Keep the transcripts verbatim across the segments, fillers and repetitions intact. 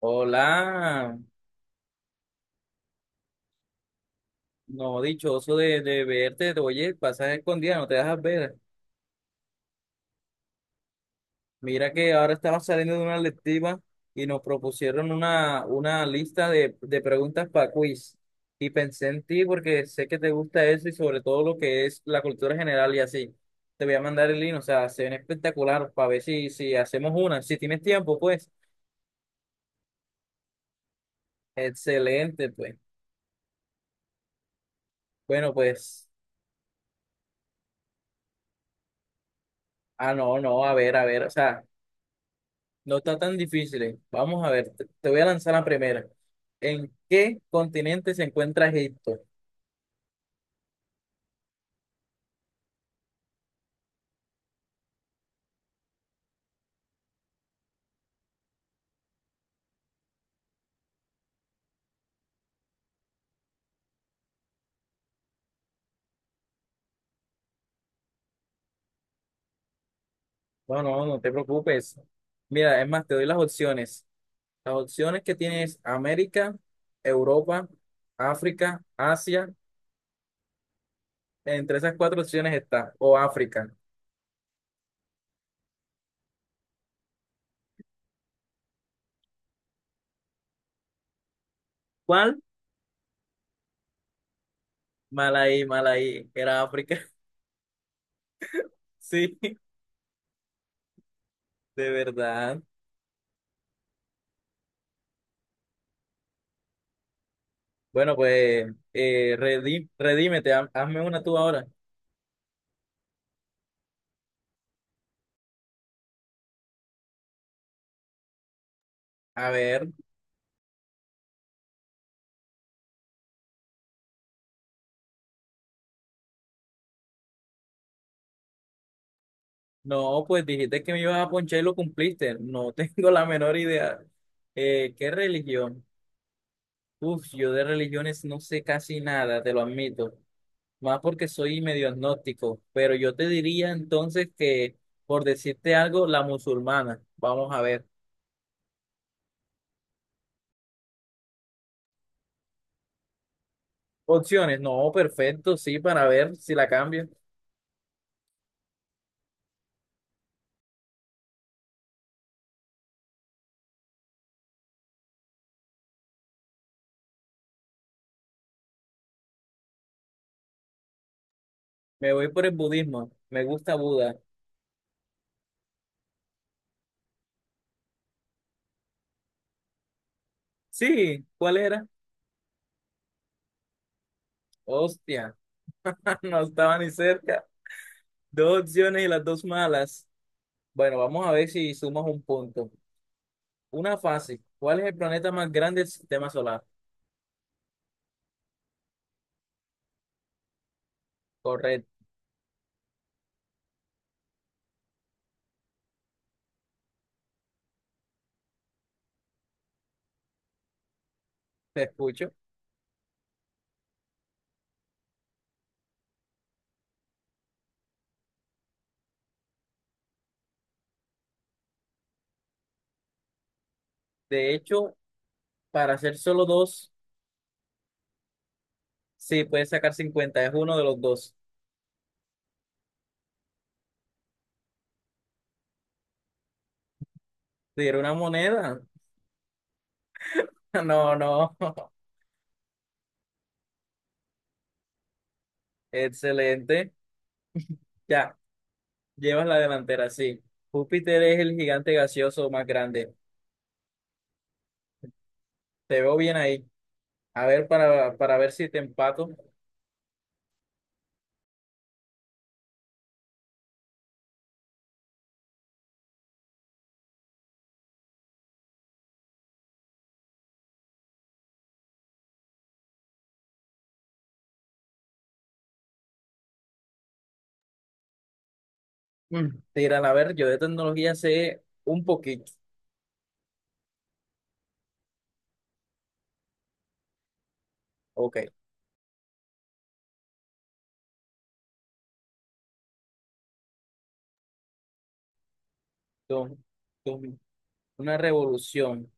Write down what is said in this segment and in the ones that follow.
Hola, no, dichoso de, de verte. Oye, pasas escondida, no te dejas ver. Mira que ahora estamos saliendo de una lectiva y nos propusieron una, una lista de, de preguntas para quiz. Y pensé en ti porque sé que te gusta eso y sobre todo lo que es la cultura general y así. Te voy a mandar el link, o sea, se ven espectacular para ver si, si hacemos una. Si tienes tiempo, pues, excelente, pues. Bueno, pues, ah, no, no, a ver, a ver, o sea. No está tan difícil. eh. Vamos a ver, te, te voy a lanzar la primera. ¿En qué continente se encuentra Egipto? No, no, no te preocupes. Mira, es más, te doy las opciones. Las opciones que tienes: América, Europa, África, Asia. Entre esas cuatro opciones está, o África. ¿Cuál? Mal ahí, mal ahí. Era África. Sí, de verdad. Bueno, pues, eh, redí- redímete, ha- hazme una tú ahora. A ver. No, pues dijiste que me ibas a ponchar y lo cumpliste. No tengo la menor idea. Eh, ¿qué religión? Uf, yo de religiones no sé casi nada, te lo admito. Más porque soy medio agnóstico. Pero yo te diría entonces que, por decirte algo, la musulmana. Vamos a ver. Opciones. No, perfecto, sí, para ver si la cambio. Me voy por el budismo. Me gusta Buda. Sí, ¿cuál era? Hostia, no estaba ni cerca. Dos opciones y las dos malas. Bueno, vamos a ver si sumas un punto. Una fácil. ¿Cuál es el planeta más grande del sistema solar? Correcto, te escucho. De hecho, para hacer solo dos, sí, puedes sacar cincuenta es uno de los dos. ¿Te dieron una moneda? No, no. Excelente. Ya, llevas la delantera, sí. Júpiter es el gigante gaseoso más grande. Te veo bien ahí. A ver, para, para ver si te empato. Mm, Tiran, a ver, yo de tecnología sé un poquito. Ok, tú, tú. Una revolución.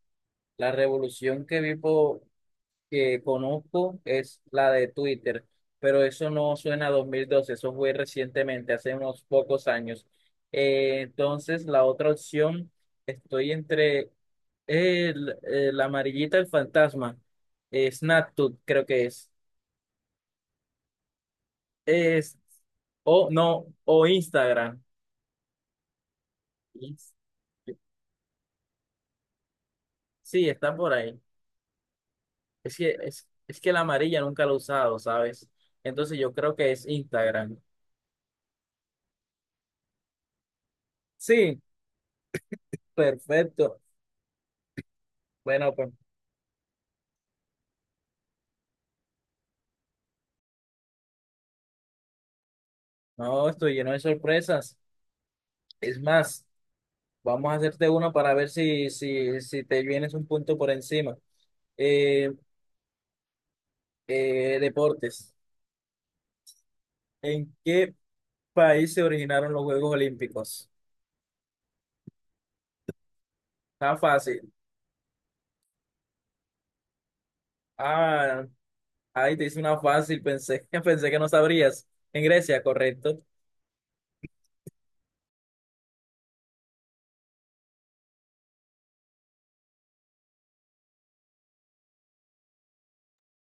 La revolución que vivo, que conozco es la de Twitter, pero eso no suena a dos mil doce, eso fue recientemente, hace unos pocos años. Eh, entonces, la otra opción, estoy entre el, eh, la amarillita el fantasma, eh, Snapchat, creo que es. Es, o no, o Instagram. Ins- Sí, está por ahí. Es que, es, es que la amarilla nunca la he usado, ¿sabes? Entonces yo creo que es Instagram. Sí, perfecto. Bueno, pues no, estoy lleno de sorpresas. Es más, vamos a hacerte uno para ver si, si, si te vienes un punto por encima. Eh, eh, deportes. ¿En qué país se originaron los Juegos Olímpicos? Está fácil. Ah, ahí te hice una fácil, pensé, pensé que no sabrías. En Grecia, correcto.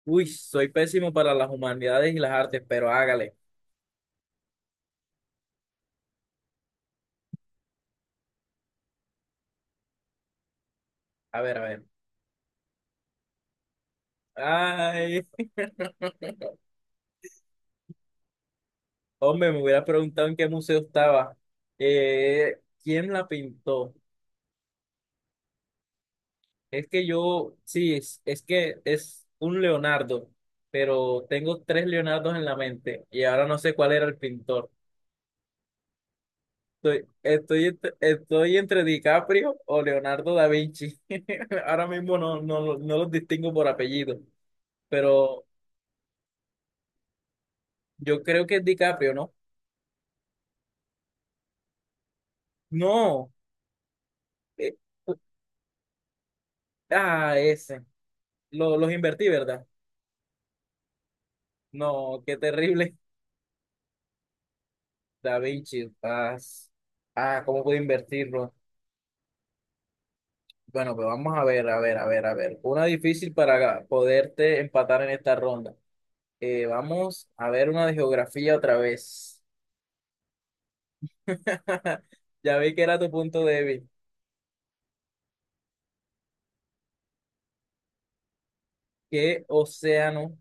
Uy, soy pésimo para las humanidades y las artes, pero hágale. A ver, a ver. Ay, hombre, me hubiera preguntado en qué museo estaba. Eh, ¿quién la pintó? Es que yo, sí, es, es que es un Leonardo, pero tengo tres Leonardos en la mente y ahora no sé cuál era el pintor. Estoy, estoy, entre- estoy entre DiCaprio o Leonardo da Vinci. Ahora mismo no, no, no los distingo por apellido, pero yo creo que es DiCaprio, ¿no? No. Eh, ah, ese. Lo- los invertí, ¿verdad? No, qué terrible. Da Vinci, ah, ah, ¿cómo pude invertirlo? Bueno, pues vamos a ver, a ver, a ver, a ver. Una difícil para poderte empatar en esta ronda. Eh, vamos a ver una de geografía otra vez. Ya vi que era tu punto débil. ¿Qué océano,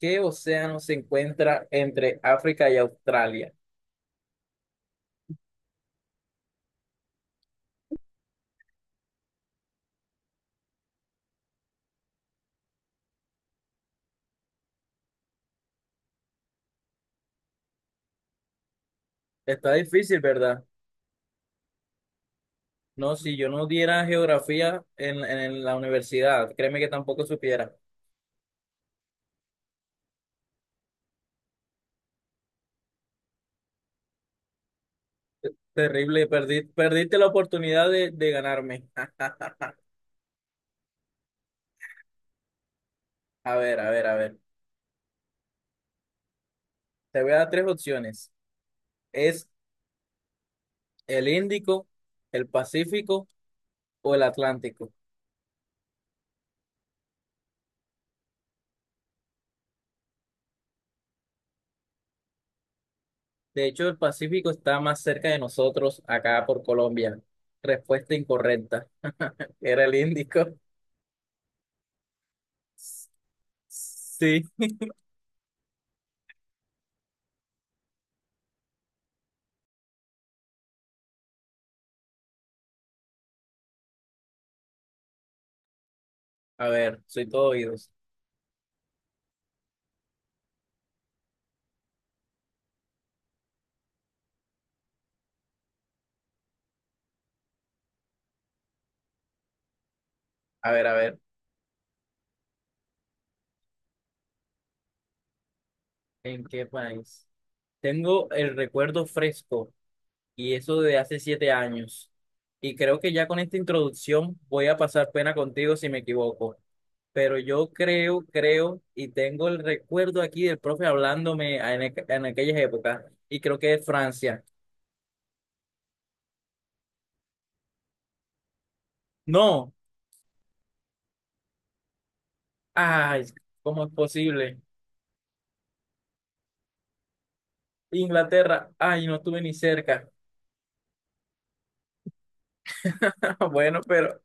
¿qué océano se encuentra entre África y Australia? Está difícil, ¿verdad? No, si yo no diera geografía en, en la universidad, créeme que tampoco supiera. Terrible, perdí, perdiste la oportunidad de, de ganarme. A ver, a ver, a ver. Te voy a dar tres opciones. Es el Índico, el Pacífico o el Atlántico. De hecho, el Pacífico está más cerca de nosotros acá por Colombia. Respuesta incorrecta. Era el Índico. Sí. A ver, soy todo oídos. A ver, a ver. ¿En qué país? Tengo el recuerdo fresco y eso de hace siete años. Y creo que ya con esta introducción voy a pasar pena contigo si me equivoco. Pero yo creo, creo, y tengo el recuerdo aquí del profe hablándome en, aqu- en aquellas épocas, y creo que es Francia. No, ay, ¿cómo es posible? Inglaterra, ay, no estuve ni cerca. Bueno, pero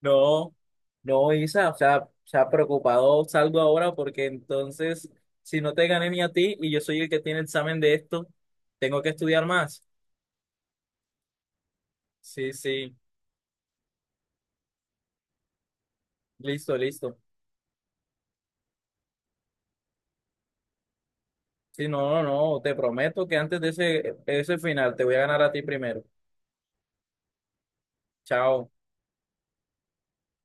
no, no, Isa, o sea, sea preocupado salgo ahora porque entonces, si no te gané ni a ti y yo soy el que tiene el examen de esto, tengo que estudiar más. Sí, sí, Listo, listo. Sí, no, no, no, te prometo que antes de ese, ese final te voy a ganar a ti primero. Chao.